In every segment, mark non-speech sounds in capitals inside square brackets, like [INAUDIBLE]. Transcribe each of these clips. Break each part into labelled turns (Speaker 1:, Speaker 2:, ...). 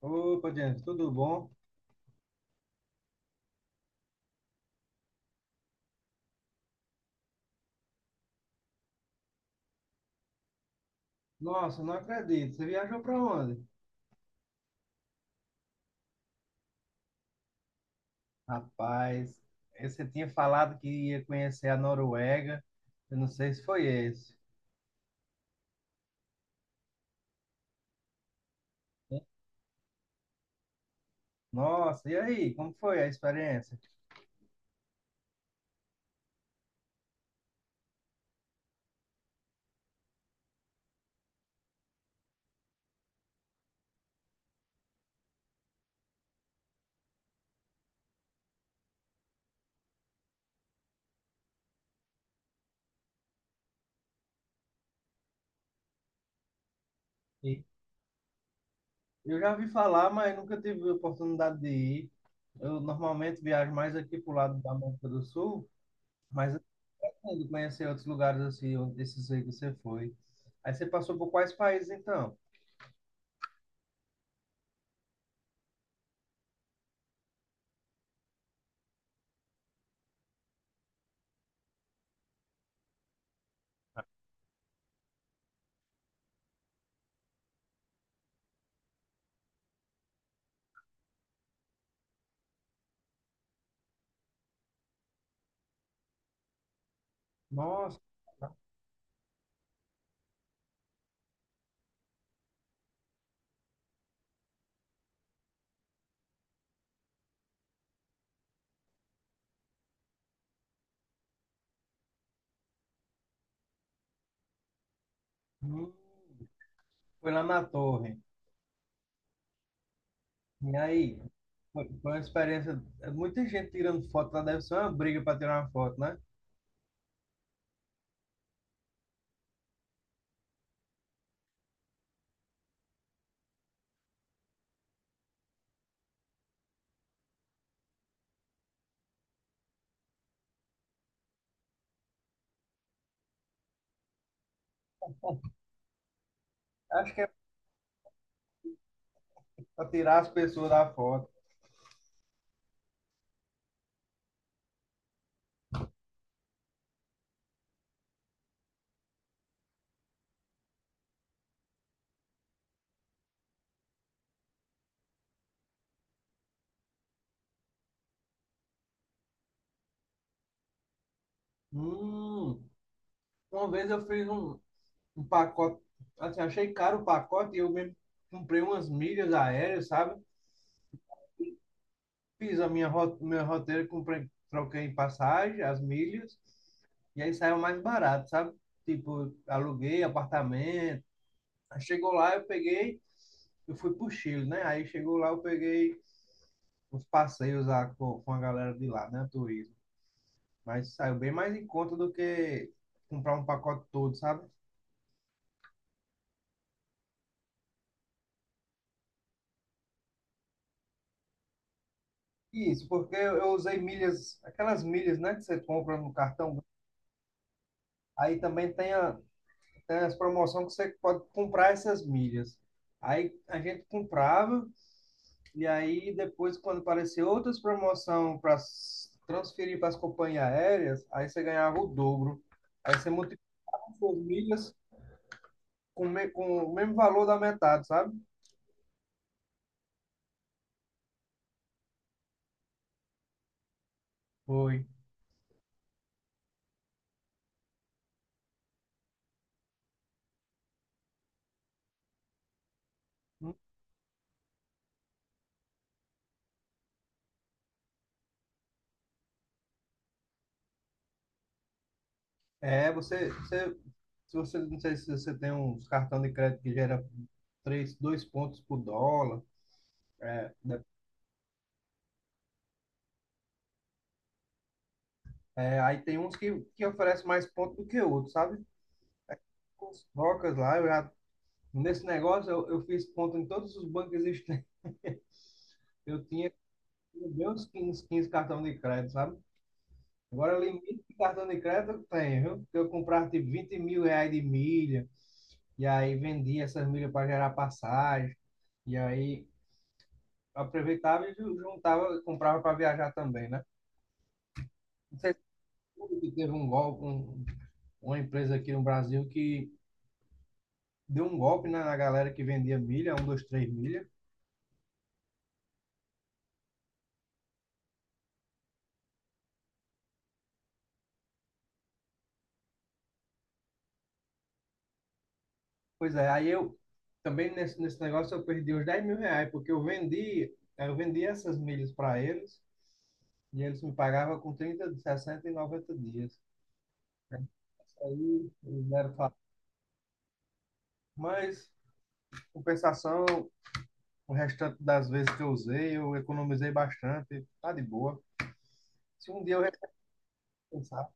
Speaker 1: Opa, Diante, tudo bom? Nossa, não acredito. Você viajou para onde? Rapaz, você tinha falado que ia conhecer a Noruega. Eu não sei se foi esse. Nossa, e aí? Como foi a experiência? E Eu já ouvi falar, mas nunca tive a oportunidade de ir. Eu normalmente viajo mais aqui pro lado da América do Sul, mas eu pretendo conhecer outros lugares assim, desses aí que você foi. Aí você passou por quais países então? Nossa, hum, foi lá na Torre. E aí, foi uma experiência. Muita gente tirando foto lá, deve ser uma briga para tirar uma foto, né? Acho que é para tirar as pessoas da foto. Hum, uma vez eu fiz um pacote, assim, achei caro o pacote e eu mesmo comprei umas milhas aéreas, sabe? Fiz a minha meu roteiro, comprei, troquei em passagem, as milhas, e aí saiu mais barato, sabe? Tipo, aluguei apartamento. Aí chegou lá, eu fui pro Chile, né? Aí chegou lá, eu peguei uns passeios lá com a galera de lá, né? Turismo. Mas saiu bem mais em conta do que comprar um pacote todo, sabe? Isso, porque eu usei milhas, aquelas milhas, né, que você compra no cartão. Aí também tem, tem as promoções que você pode comprar essas milhas. Aí a gente comprava, e aí depois, quando apareceu outras promoções para transferir para as companhias aéreas, aí você ganhava o dobro. Aí você multiplicava suas milhas com o mesmo valor da metade, sabe? Foi. É, você, se você, não sei se você tem uns cartão de crédito que gera três, dois pontos por dólar. É, aí tem uns que oferece mais pontos do que outros, sabe? Com os trocas lá, nesse negócio eu fiz ponto em todos os bancos existentes. Eu tinha bem uns 15 15 cartão de crédito, sabe? Agora, limite de cartão de crédito eu tenho, viu? Porque eu comprava tipo R$ 20 mil de milha, e aí vendia essas milhas para gerar passagem, e aí aproveitava e juntava, comprava para viajar também, né? Não sei se você viu que teve um golpe, uma empresa aqui no Brasil que deu um golpe né, na galera que vendia milha, um, dois, três milha. Pois é, aí eu também nesse negócio eu perdi uns R$ 10 mil, porque eu vendi essas milhas para eles e eles me pagavam com 30, 60 e 90 dias. Isso aí eles deram. Mas, compensação, o restante das vezes que eu usei, eu economizei bastante, tá de boa. Se um dia eu repensar.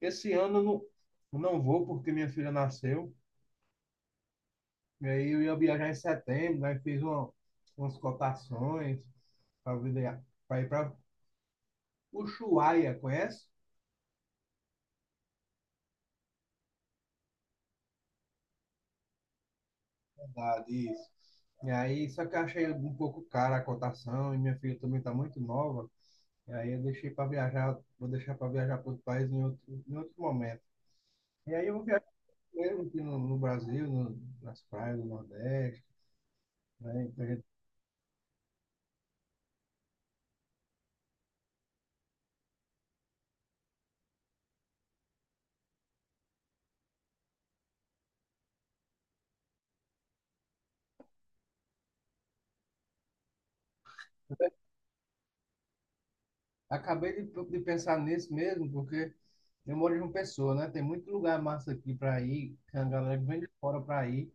Speaker 1: Esse ano eu não vou, porque minha filha nasceu. E aí eu ia viajar em setembro, aí fiz umas cotações para ir para Ushuaia, conhece? Disso. E aí, só que eu achei um pouco cara a cotação, e minha filha também está muito nova. E aí eu deixei para viajar, vou deixar para viajar para outro país em outro momento. E aí eu vou viajar mesmo aqui no Brasil, no, nas praias do Nordeste, né? Então a Acabei de pensar nisso mesmo, porque eu moro em uma pessoa, né? Tem muito lugar massa aqui para ir, que a galera que vem de fora para ir,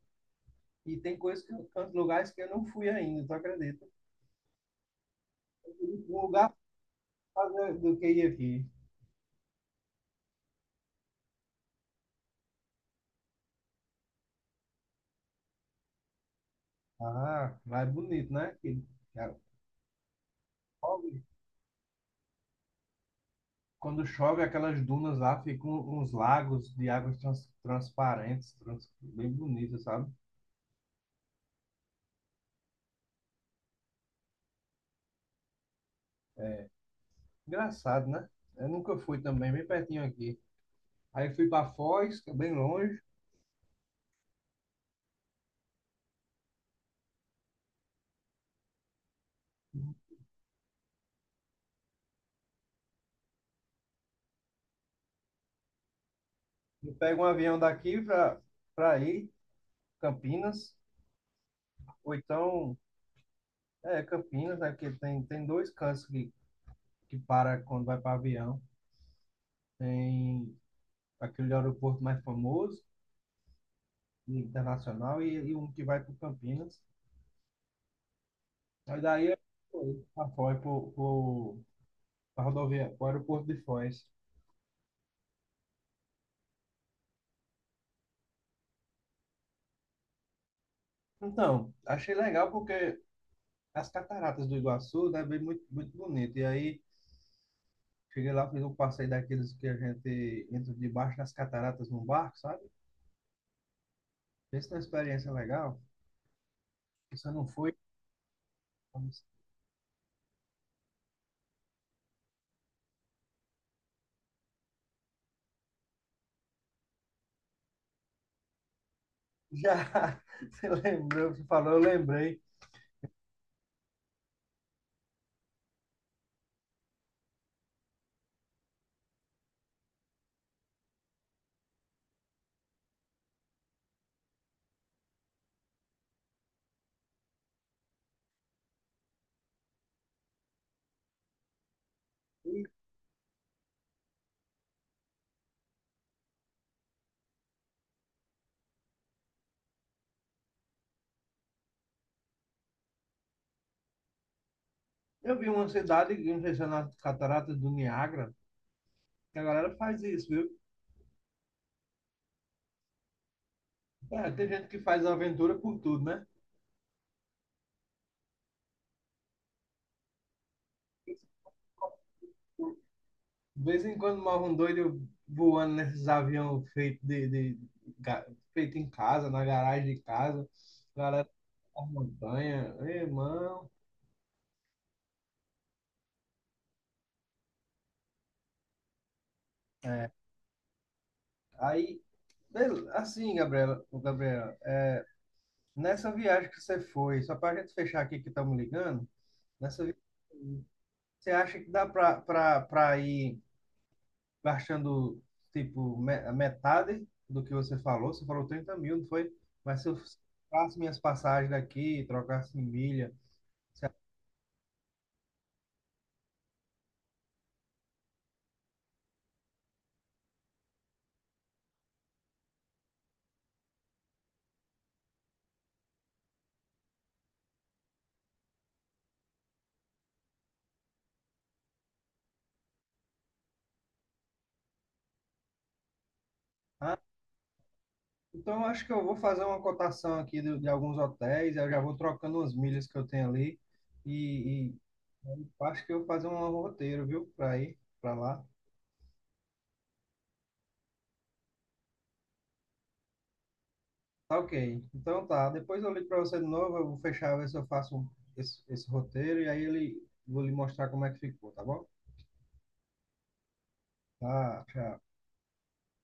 Speaker 1: e tem coisas tantos lugares que eu não fui ainda, tu acredita? Um lugar pra fazer do que ir aqui. Ah, lá é bonito, né? Que, cara, chove. Quando chove, aquelas dunas lá ficam uns lagos de águas transparentes, bem bonitas, sabe? É, engraçado, né? Eu nunca fui também, bem pertinho aqui. Aí fui para Foz, que é bem longe. Eu pego um avião daqui para ir, Campinas, ou então, Campinas, né? Porque tem dois cantos que para quando vai para avião. Tem aquele aeroporto mais famoso, internacional, e um que vai para Campinas. Aí daí eu fui para Foz, para rodovia, para o aeroporto de Foz. Então, achei legal porque as cataratas do Iguaçu, né, bem muito, muito bonito. E aí, cheguei lá, fiz um passeio daqueles que a gente entra debaixo das cataratas num barco, sabe? Pensa numa experiência legal. Você não foi, já [LAUGHS] você lembrou, você falou, eu lembrei. Eu vi uma cidade, não sei se é nas cataratas do Niágara, que a galera faz isso, viu? É, tem gente que faz aventura por tudo, né? De vez em quando morre um doido voando nesses aviões feitos de, ga- feito em casa, na garagem de casa, a galera na montanha, irmão. Aí, assim, Gabriela, nessa viagem que você foi, só para a gente fechar aqui que estamos ligando, nessa viagem, você acha que dá para ir gastando, tipo, a metade do que você falou? Você falou 30 mil, não foi? Mas se eu faço minhas passagens daqui, trocasse em milha. Você Então, eu acho que eu vou fazer uma cotação aqui de alguns hotéis, eu já vou trocando umas milhas que eu tenho ali. E eu acho que eu vou fazer um roteiro, viu, para ir para lá. Tá ok. Então tá. Depois eu ligo para você de novo. Eu vou fechar, ver se eu faço esse roteiro e aí ele vou lhe mostrar como é que ficou, tá bom? Tá, tchau.